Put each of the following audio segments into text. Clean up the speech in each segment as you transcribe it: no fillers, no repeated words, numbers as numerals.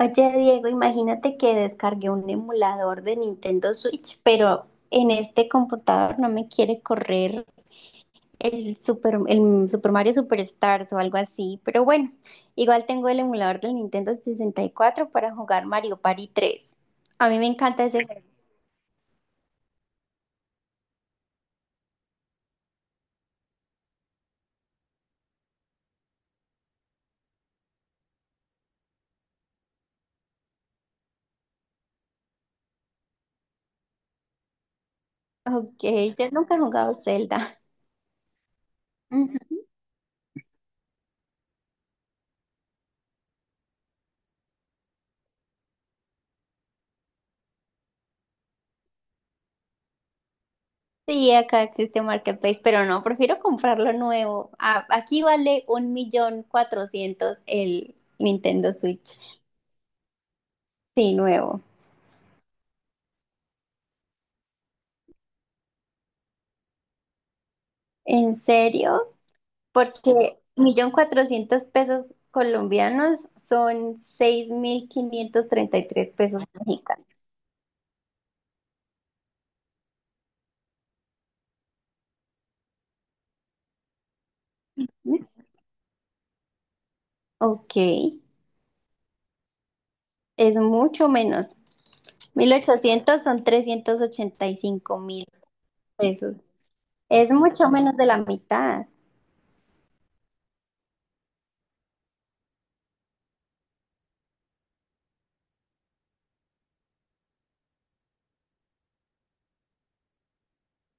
Oye, Diego, imagínate que descargué un emulador de Nintendo Switch, pero en este computador no me quiere correr el Super Mario Superstars o algo así. Pero bueno, igual tengo el emulador del Nintendo 64 para jugar Mario Party 3. A mí me encanta ese juego. Ok, yo nunca he jugado Zelda. Ujú. Sí, acá existe Marketplace, pero no, prefiero comprarlo nuevo. Aquí vale 1.400.000 el Nintendo Switch. Sí, nuevo. ¿En serio? Porque 1.400.000 pesos colombianos son 6.533 pesos mexicanos. ¿Eh? Ok, es mucho menos. 1.800 son 385.000 pesos. Es mucho menos de la mitad.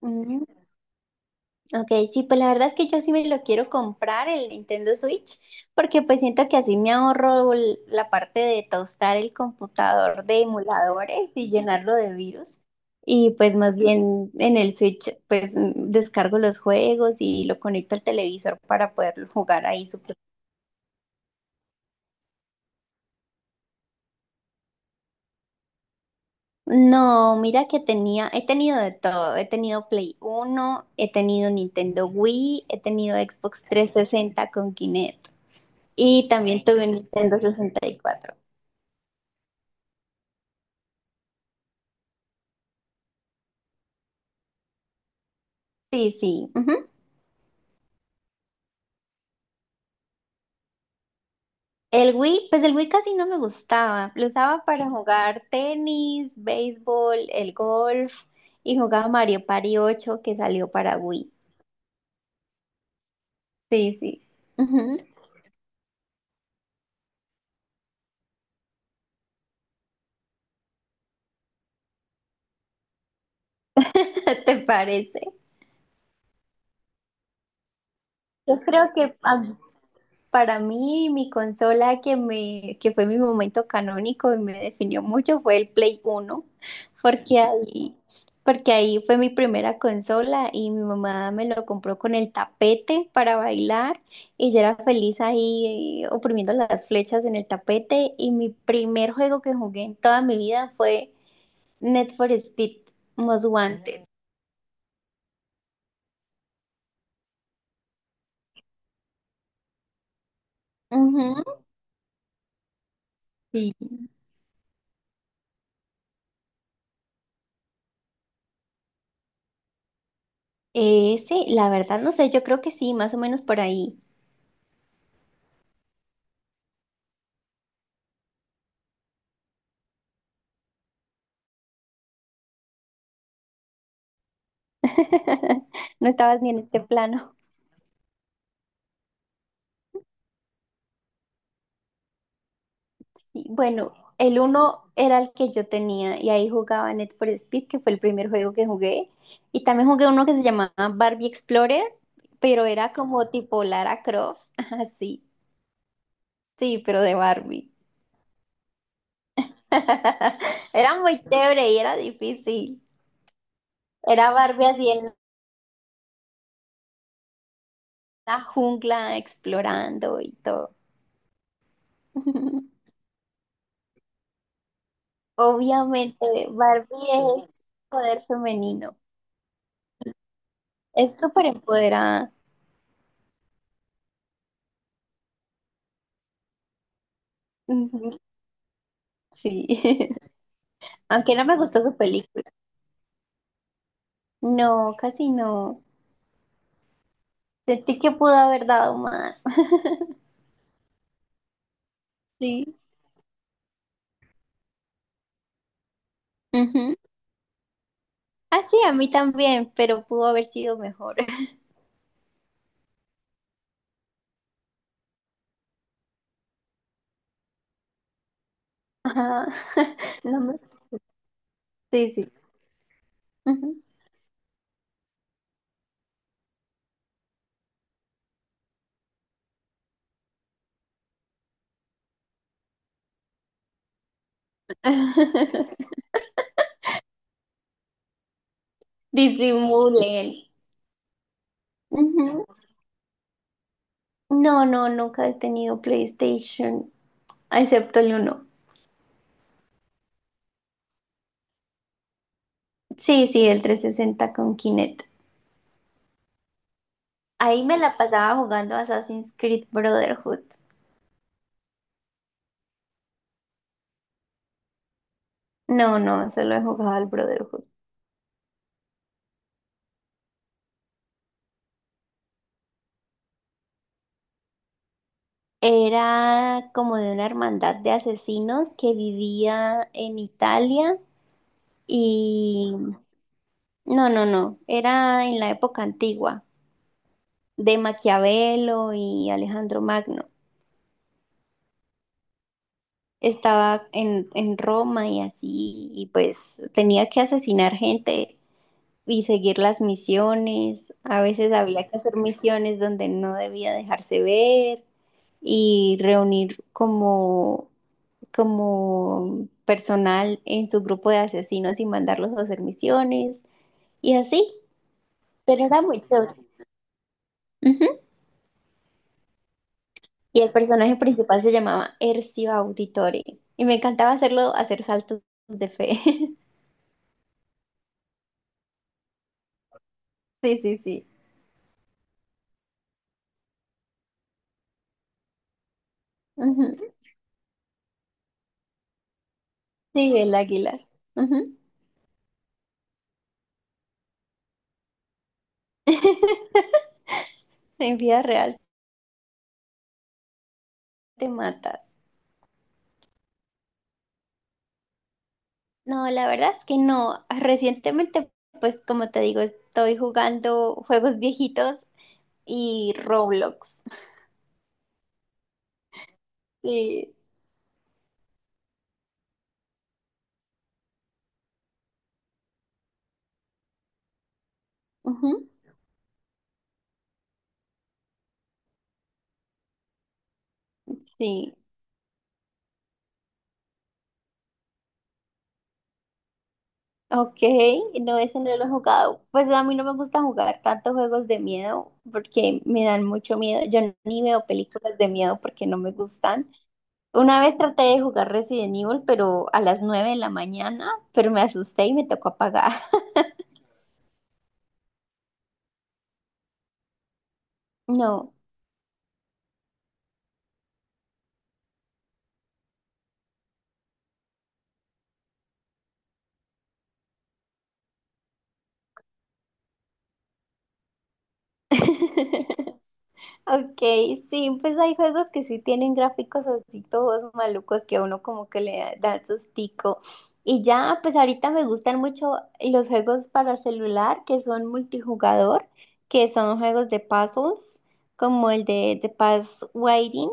Mm. Ok, sí, pues la verdad es que yo sí me lo quiero comprar el Nintendo Switch, porque pues siento que así me ahorro la parte de tostar el computador de emuladores y llenarlo de virus. Y pues más bien en el Switch pues descargo los juegos y lo conecto al televisor para poderlo jugar ahí súper. No, mira que tenía, he tenido de todo, he tenido Play Uno, he tenido Nintendo Wii, he tenido Xbox 360 con Kinect. Y también tuve un Nintendo 64. Sí, sí. Ujú. El Wii, pues el Wii casi no me gustaba. Lo usaba para jugar tenis, béisbol, el golf y jugaba Mario Party 8 que salió para Wii. Sí, sí. Ujú. ¿Te parece? Yo creo que a- Para mí, mi consola que me, que fue mi momento canónico y me definió mucho fue el Play Uno, porque ahí, porque ahí fue mi primera consola y mi mamá me lo compró con el tapete para bailar y yo era feliz ahí oprimiendo las flechas en el tapete y mi primer juego que jugué en toda mi vida fue Need for Speed Most Wanted. Ujú, sí. Ese, la verdad, no sé, yo creo que sí, más o menos por ahí. No estabas ni en este plano. Y bueno, el uno era el que yo tenía y ahí jugaba Net for Speed, que fue el primer juego que jugué. Y también jugué uno que se llamaba Barbie Explorer, pero era como tipo Lara Croft. Así, sí, pero de Barbie. Era muy chévere y era difícil. Era Barbie así en la jungla explorando y todo. Obviamente, Barbie es poder femenino. Es súper empoderada. Ujú, sí, aunque no me gustó su película. No, casi no. Sentí que pudo haber dado más. Sí. Ujú. Ah, sí, a mí también, pero pudo haber sido mejor. Ajá. No me... Sí, sí. Ujú. Disimulen. Ujú. No, no, nunca he tenido PlayStation, excepto el uno. Sí, sí, el 360 con Kinect. Ahí me la pasaba jugando Assassin's Creed Brotherhood. No, no, solo he jugado al Brotherhood. Era como de una hermandad de asesinos que vivía en Italia y... No, no, no, era en la época antigua, de Maquiavelo y Alejandro Magno. Estaba en Roma y así, y pues tenía que asesinar gente y seguir las misiones. A veces había que hacer misiones donde no debía dejarse ver y reunir como personal en su grupo de asesinos y mandarlos a hacer misiones y así, pero era muy chévere. Ujú. Y el personaje principal se llamaba Ercio Auditore y me encantaba hacerlo hacer saltos de fe. Sí, sí, sí. Ujú. Sí, el águila. Ujú. En vida real te matas. No, la verdad es que no. Recientemente, pues como te digo, estoy jugando juegos viejitos y Roblox. Sí. Sí, ok, no, ese no lo jugado. Pues a mí no me gusta jugar tantos juegos de miedo porque me dan mucho miedo. Yo ni veo películas de miedo porque no me gustan. Una vez traté de jugar Resident Evil, pero a las 9 de la mañana, pero me asusté y me tocó apagar. No. Ok, sí, pues hay juegos que sí tienen gráficos así todos malucos que a uno como que le dan sustico. Y ya, pues ahorita me gustan mucho los juegos para celular que son multijugador, que son juegos de puzzles, como el de The Past Waiting,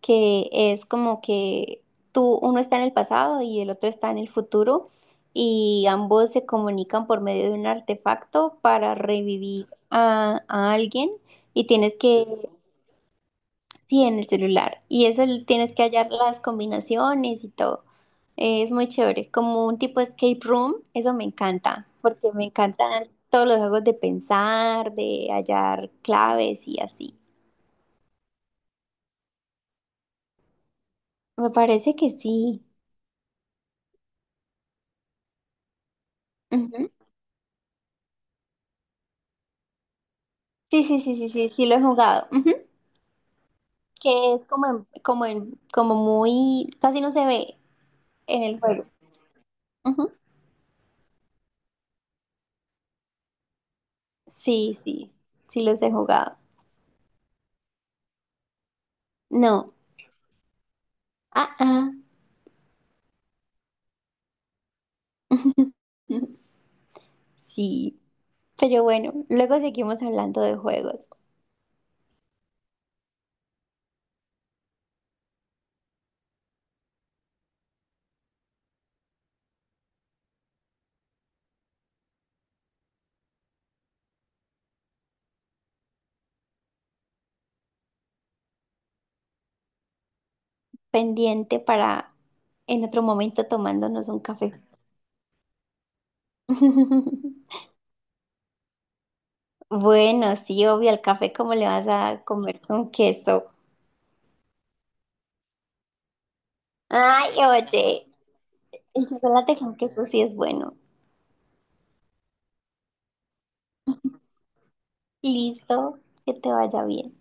que es como que tú, uno está en el pasado y el otro está en el futuro y ambos se comunican por medio de un artefacto para revivir a alguien y tienes que... Sí, en el celular. Y eso tienes que hallar las combinaciones y todo. Es muy chévere. Como un tipo escape room, eso me encanta, porque me encantan todos los juegos de pensar, de hallar claves y así. Me parece que sí. Ujú. Sí, sí, sí, sí, sí, sí lo he jugado. Ujú. Que es como muy, casi no se ve en el juego. Ujú. Sí, sí, sí los he jugado. No. Ah, ah. Sí. Pero bueno, luego seguimos hablando de juegos. Pendiente para en otro momento tomándonos un café. Bueno, sí, obvio, el café, ¿cómo le vas a comer con queso? Ay, oye, el chocolate con queso sí es bueno. Listo, que te vaya bien.